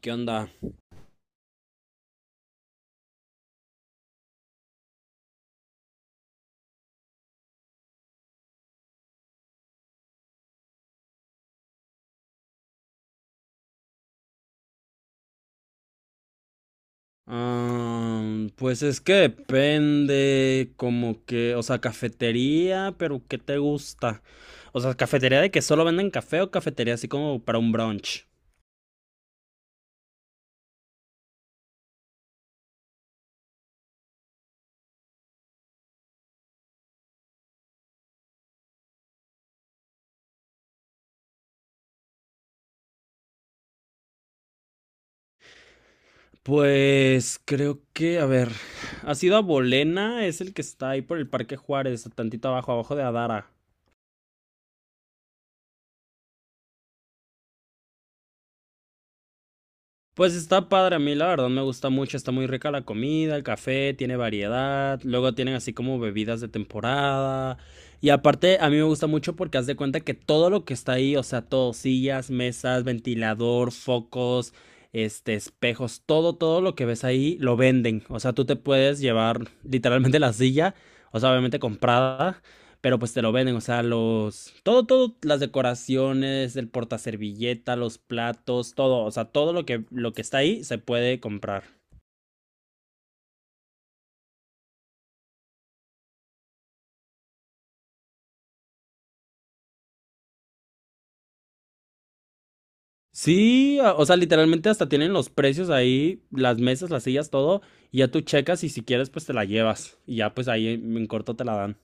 ¿Qué onda? Ah, pues es que depende, como que, o sea, cafetería, pero ¿qué te gusta? O sea, cafetería de que solo venden café o cafetería así como para un brunch. Pues creo que, a ver, ¿has ido a Bolena? Es el que está ahí por el Parque Juárez, tantito abajo, abajo de Adara. Pues está padre, a mí la verdad me gusta mucho, está muy rica la comida, el café, tiene variedad, luego tienen así como bebidas de temporada y aparte a mí me gusta mucho porque haz de cuenta que todo lo que está ahí, o sea, todo, sillas, mesas, ventilador, focos, espejos, todo, todo lo que ves ahí lo venden, o sea, tú te puedes llevar literalmente la silla, o sea, obviamente comprada pero pues te lo venden, o sea, los... Todo, todo, las decoraciones, el portaservilleta, los platos, todo, o sea, todo lo que está ahí se puede comprar. Sí, o sea, literalmente hasta tienen los precios ahí, las mesas, las sillas, todo, y ya tú checas y si quieres pues te la llevas y ya pues ahí en corto te la dan.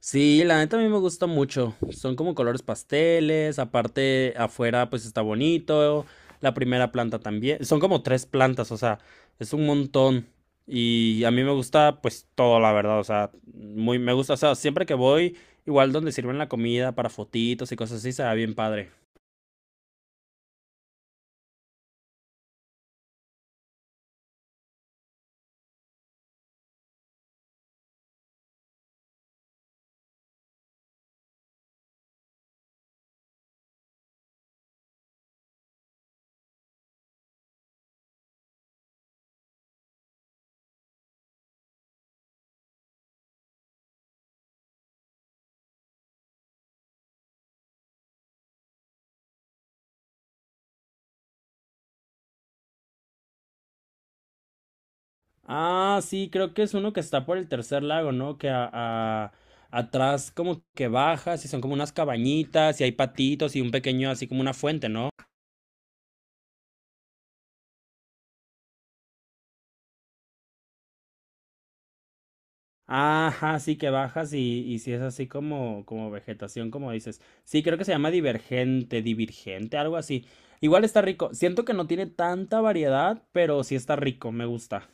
Sí, la neta a mí me gusta mucho. Son como colores pasteles, aparte afuera pues está bonito, la primera planta también. Son como tres plantas, o sea, es un montón. Y a mí me gusta pues todo, la verdad, o sea, muy me gusta, o sea, siempre que voy, igual donde sirven la comida para fotitos y cosas así, se ve bien padre. Ah, sí, creo que es uno que está por el tercer lago, ¿no? Que atrás como que bajas y son como unas cabañitas y hay patitos y un pequeño así como una fuente, ¿no? Ajá, sí que bajas y si es así como, como vegetación, como dices. Sí, creo que se llama divergente, divergente, algo así. Igual está rico. Siento que no tiene tanta variedad, pero sí está rico, me gusta.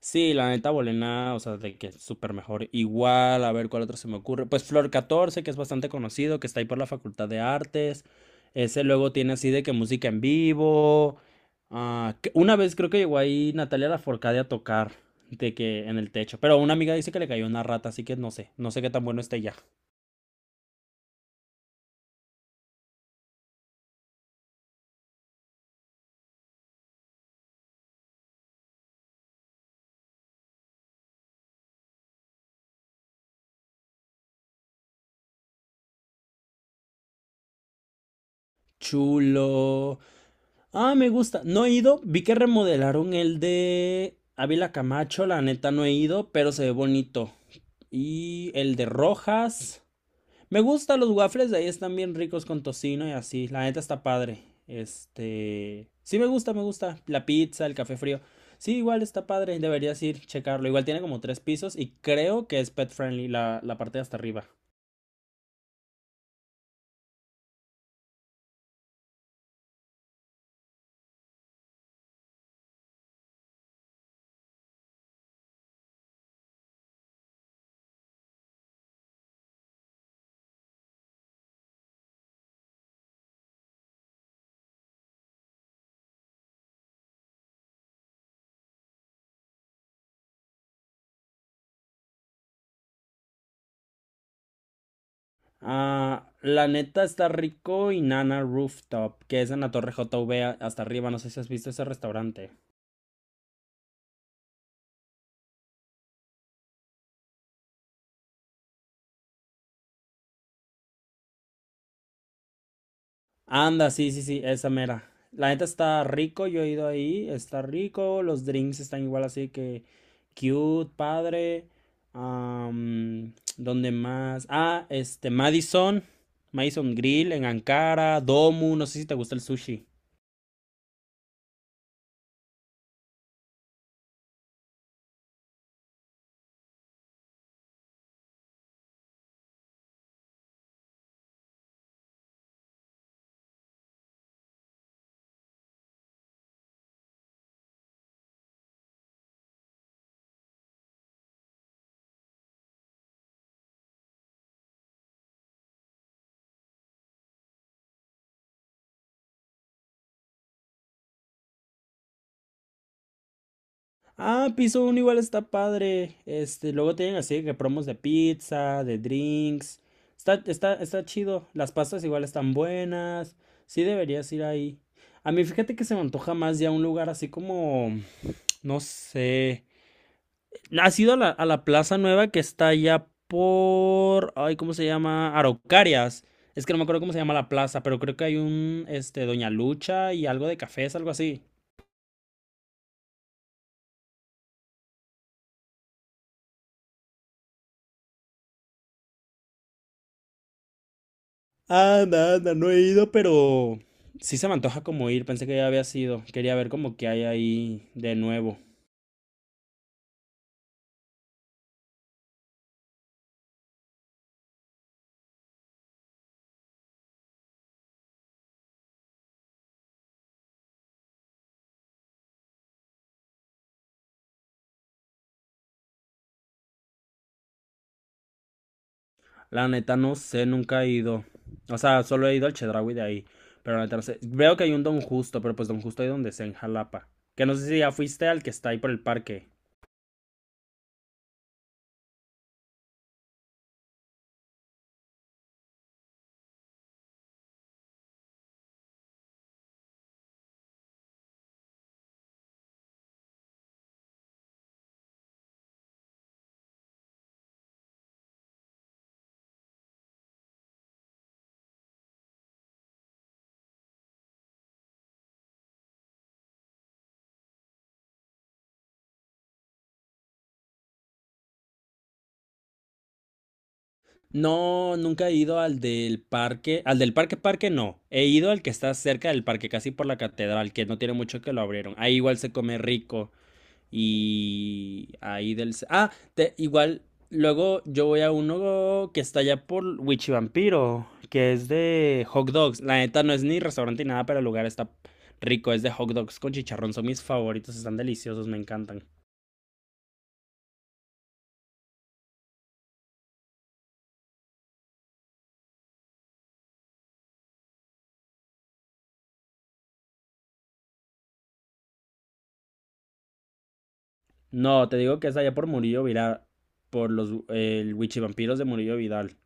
Sí, la neta Bolena, o sea, de que es súper mejor. Igual, a ver cuál otro se me ocurre. Pues Flor 14 que es bastante conocido, que está ahí por la Facultad de Artes. Ese luego tiene así de que música en vivo. Ah, que una vez creo que llegó ahí Natalia Lafourcade a tocar, de que en el techo. Pero una amiga dice que le cayó una rata, así que no sé, no sé qué tan bueno esté ya. Chulo. Ah, me gusta. No he ido. Vi que remodelaron el de Ávila Camacho. La neta no he ido, pero se ve bonito. Y el de Rojas. Me gusta los waffles de ahí. Están bien ricos con tocino y así. La neta está padre. Este. Sí, me gusta, me gusta. La pizza, el café frío. Sí, igual está padre. Deberías ir, checarlo. Igual tiene como tres pisos y creo que es pet friendly la parte de hasta arriba. Ah, la neta está rico y Nana Rooftop, que es en la Torre JV hasta arriba. No sé si has visto ese restaurante. Anda, sí, sí, sí, esa mera. La neta está rico, yo he ido ahí, está rico. Los drinks están igual así que cute, padre. ¿Dónde más? Ah, este, Madison, Madison Grill en Ankara, Domu, no sé si te gusta el sushi. Ah, piso uno igual está padre. Este, luego tienen así que promos de pizza, de drinks. Está chido. Las pastas igual están buenas. Sí deberías ir ahí. A mí fíjate que se me antoja más ya un lugar así como, no sé. ¿Has ido a la plaza nueva que está allá por, ay, ¿cómo se llama? Araucarias. Es que no me acuerdo cómo se llama la plaza, pero creo que hay un, este, Doña Lucha y algo de cafés, algo así. Anda, anda, no he ido, pero sí se me antoja como ir. Pensé que ya había sido. Quería ver como que hay ahí de nuevo. La neta no sé, nunca he ido. O sea, solo he ido al Chedraui de ahí. Pero la neta no sé. Veo que hay un Don Justo, pero pues Don Justo hay donde sea en Jalapa. Que no sé si ya fuiste al que está ahí por el parque. No, nunca he ido al del parque. Al del parque parque no. He ido al que está cerca del parque, casi por la catedral, que no tiene mucho que lo abrieron. Ahí igual se come rico. Y ahí del... Ah, igual, luego yo voy a uno que está allá por Wichivampiro, que es de hot dogs. La neta no es ni restaurante ni nada, pero el lugar está rico. Es de hot dogs con chicharrón. Son mis favoritos, están deliciosos, me encantan. No, te digo que es allá por Murillo Vidal, por los Wichivampiros de Murillo Vidal.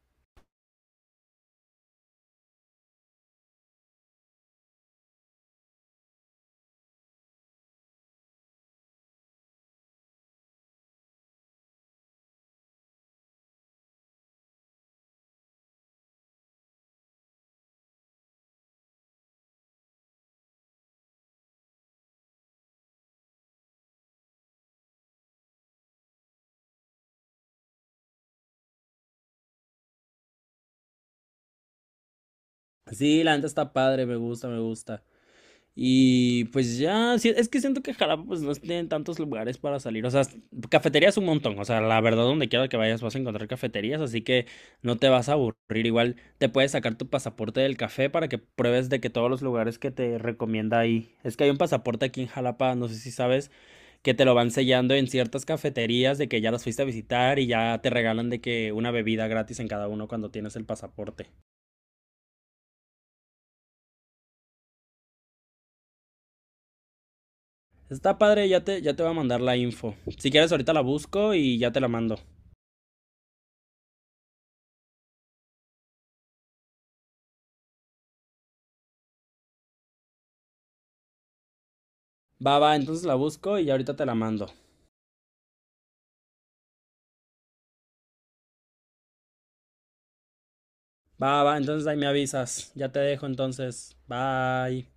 Sí, la neta está padre, me gusta, me gusta. Y pues ya, sí, es que siento que Jalapa pues no tienen tantos lugares para salir, o sea, cafeterías un montón, o sea, la verdad donde quiera que vayas vas a encontrar cafeterías, así que no te vas a aburrir, igual te puedes sacar tu pasaporte del café para que pruebes de que todos los lugares que te recomienda ahí, es que hay un pasaporte aquí en Jalapa, no sé si sabes, que te lo van sellando en ciertas cafeterías de que ya las fuiste a visitar y ya te regalan de que una bebida gratis en cada uno cuando tienes el pasaporte. Está padre, ya te voy a mandar la info. Si quieres ahorita la busco y ya te la mando. Va, va, entonces la busco y ahorita te la mando. Va, va, entonces ahí me avisas. Ya te dejo entonces. Bye.